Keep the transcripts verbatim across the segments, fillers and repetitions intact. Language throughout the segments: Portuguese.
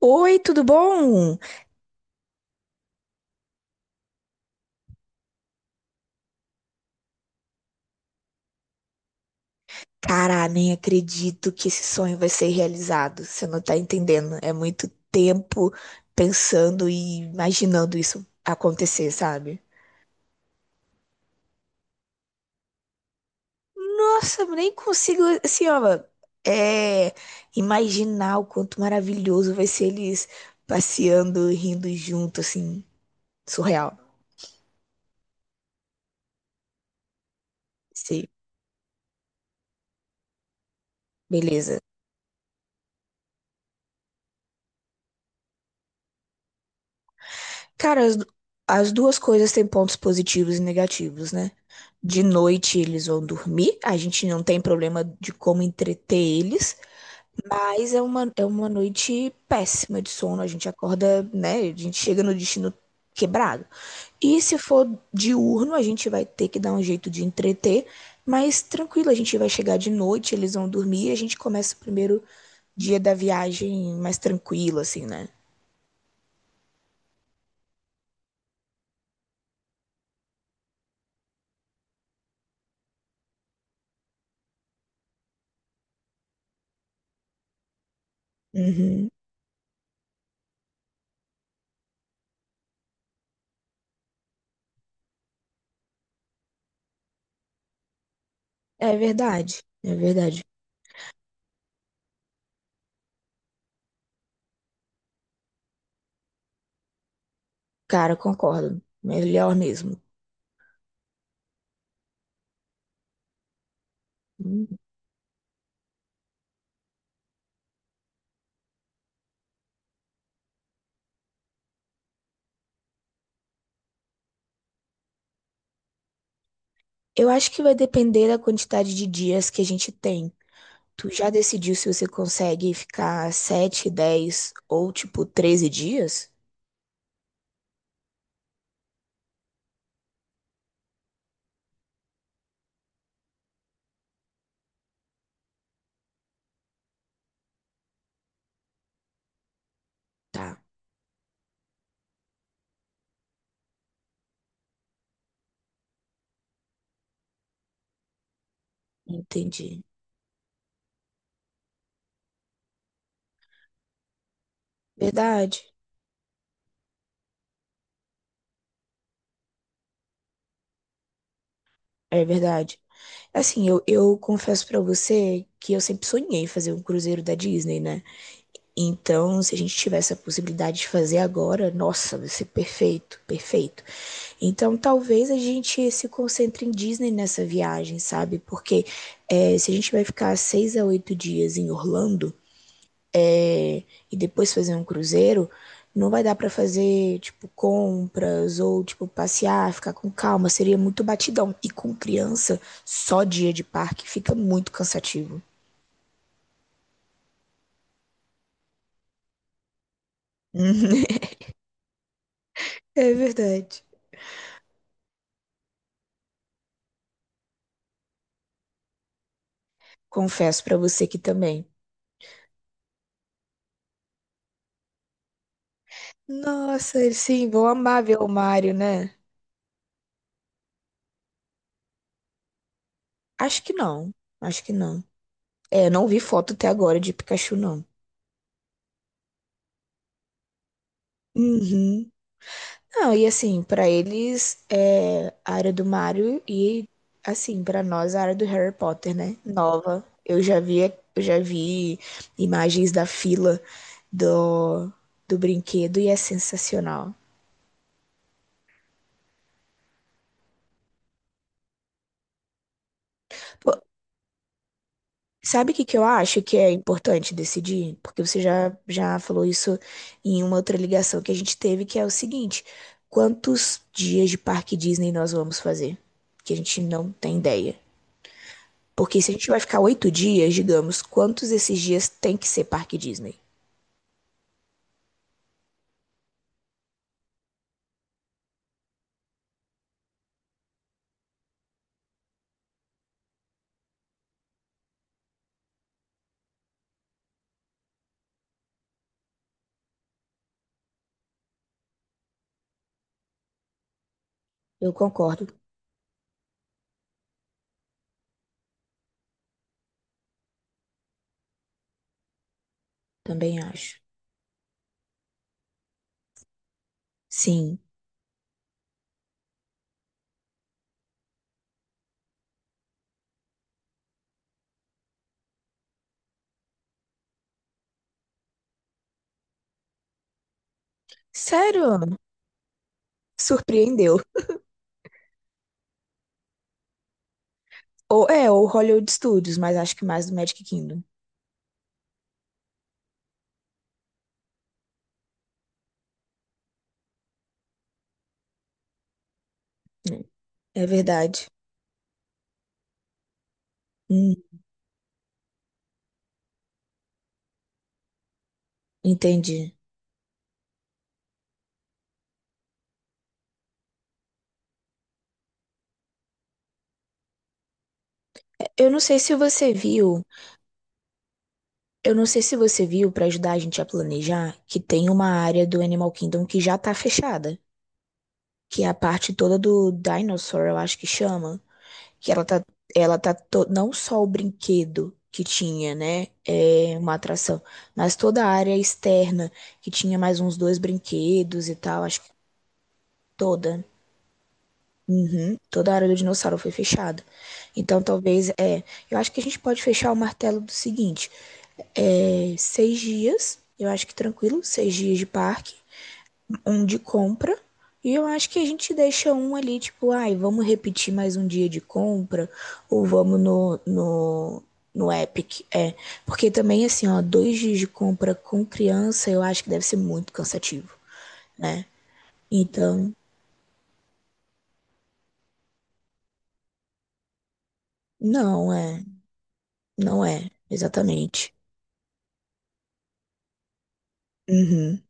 Oi, tudo bom? Cara, nem acredito que esse sonho vai ser realizado. Você não tá entendendo. É muito tempo pensando e imaginando isso acontecer, sabe? Nossa, eu nem consigo, assim, ó, é, imaginar o quanto maravilhoso vai ser eles passeando, rindo junto, assim, surreal. Sim, beleza. Cara, as, as duas coisas têm pontos positivos e negativos, né? De noite eles vão dormir, a gente não tem problema de como entreter eles, mas é uma, é uma noite péssima de sono, a gente acorda, né? A gente chega no destino quebrado. E se for diurno, a gente vai ter que dar um jeito de entreter, mas tranquilo, a gente vai chegar de noite, eles vão dormir e a gente começa o primeiro dia da viagem mais tranquilo, assim, né? Uhum. É verdade, é verdade. Cara, concordo. Melhor mesmo. Hum. Eu acho que vai depender da quantidade de dias que a gente tem. Tu já decidiu se você consegue ficar sete, dez ou tipo treze dias? Tá, entendi. Verdade. É verdade. Assim, eu, eu confesso pra você que eu sempre sonhei em fazer um cruzeiro da Disney, né? Então, se a gente tivesse a possibilidade de fazer agora, nossa, vai ser perfeito, perfeito. Então, talvez a gente se concentre em Disney nessa viagem, sabe? Porque é, se a gente vai ficar seis a oito dias em Orlando é, e depois fazer um cruzeiro, não vai dar pra fazer, tipo, compras ou, tipo, passear, ficar com calma. Seria muito batidão. E com criança, só dia de parque fica muito cansativo. Hum. É verdade. Confesso pra você que também. Nossa, eles sim, vão amar ver o Mário, né? Acho que não. Acho que não. É, não vi foto até agora de Pikachu, não. Uhum. Não, e assim, pra eles é a área do Mario e assim, pra nós a área do Harry Potter, né? Nova. Eu já vi, eu já vi imagens da fila do, do brinquedo e é sensacional. Pô, sabe o que que eu acho que é importante decidir? Porque você já, já falou isso em uma outra ligação que a gente teve, que é o seguinte: quantos dias de parque Disney nós vamos fazer? Que a gente não tem ideia. Porque se a gente vai ficar oito dias, digamos, quantos desses dias tem que ser parque Disney? Eu concordo, também acho. Sim. Sério? Surpreendeu. Ou é, ou Hollywood Studios, mas acho que mais do Magic Kingdom. Né? É verdade. Hum, entendi. Eu não sei se você viu Eu não sei se você viu, para ajudar a gente a planejar, que tem uma área do Animal Kingdom que já tá fechada, que é a parte toda do Dinosaur, eu acho que chama, que ela tá, ela tá to- não só o brinquedo que tinha, né, é uma atração, mas toda a área externa que tinha mais uns dois brinquedos e tal, acho que toda, uhum, toda a área do dinossauro foi fechada. Então talvez é, eu acho que a gente pode fechar o martelo do seguinte. É, seis dias, eu acho que tranquilo, seis dias de parque, um de compra. E eu acho que a gente deixa um ali, tipo, ai, vamos repetir mais um dia de compra, ou vamos no, no, no Epic. É, porque também, assim, ó, dois dias de compra com criança, eu acho que deve ser muito cansativo, né? Então, não é, não é, exatamente. Uhum.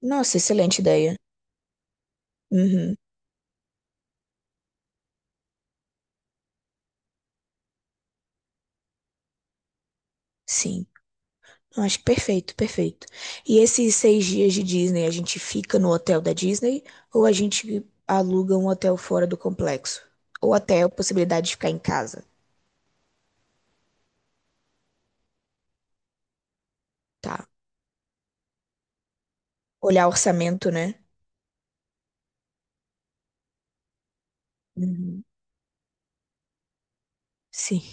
Nossa, excelente ideia. Uhum. Sim. Eu acho perfeito, perfeito. E esses seis dias de Disney, a gente fica no hotel da Disney ou a gente aluga um hotel fora do complexo? Ou até a possibilidade de ficar em casa, tá? Olhar orçamento, né? Uhum. Sim,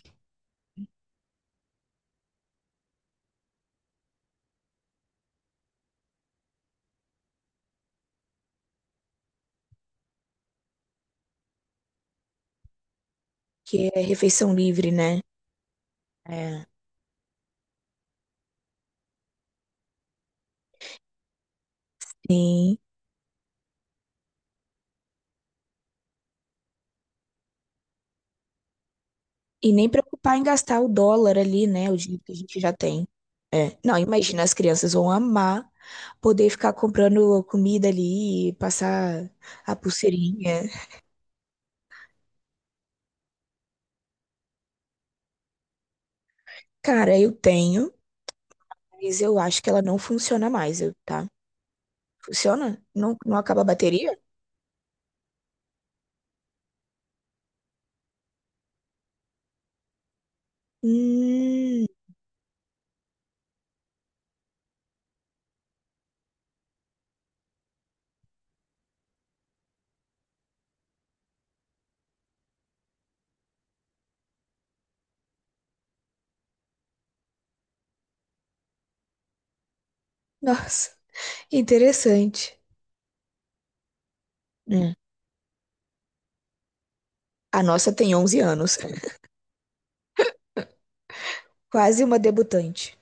que é refeição livre, né? É. Sim. E nem preocupar em gastar o dólar ali, né? O dinheiro que a gente já tem. É. Não, imagina, as crianças vão amar poder ficar comprando comida ali, passar a pulseirinha. Cara, eu tenho. Mas eu acho que ela não funciona mais, eu- tá? Funciona? Não, não acaba a bateria? Hum, nossa, interessante. Hum, A nossa tem onze anos, quase uma debutante.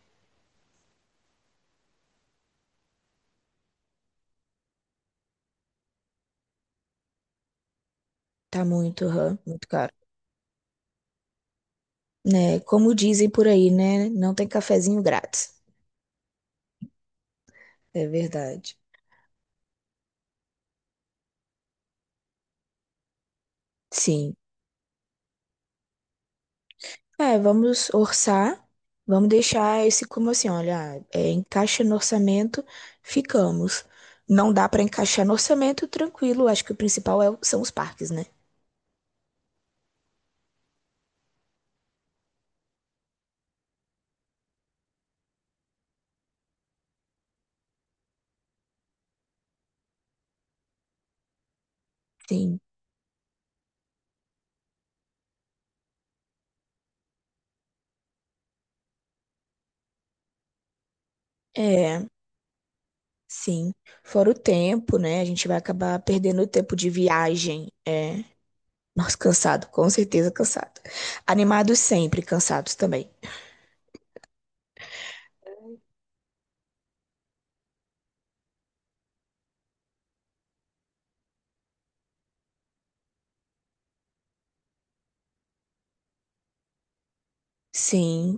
Tá muito, hã, muito caro. Né? Como dizem por aí, né? Não tem cafezinho grátis. É verdade. Sim. É, vamos orçar, vamos deixar esse como assim, olha, é, encaixa no orçamento, ficamos. Não dá para encaixar no orçamento, tranquilo. Acho que o principal é- são os parques, né? Sim, é, sim. Fora o tempo, né? A gente vai acabar perdendo o tempo de viagem. É. Nossa, cansado, com certeza cansado. Animados sempre, cansados também. Sim,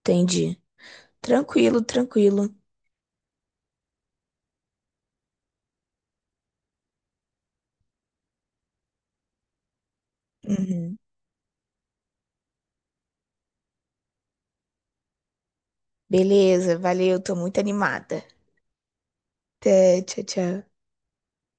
entendi. Tranquilo, tranquilo. Uhum. Beleza, valeu, tô muito animada. Até, tchau, tchau.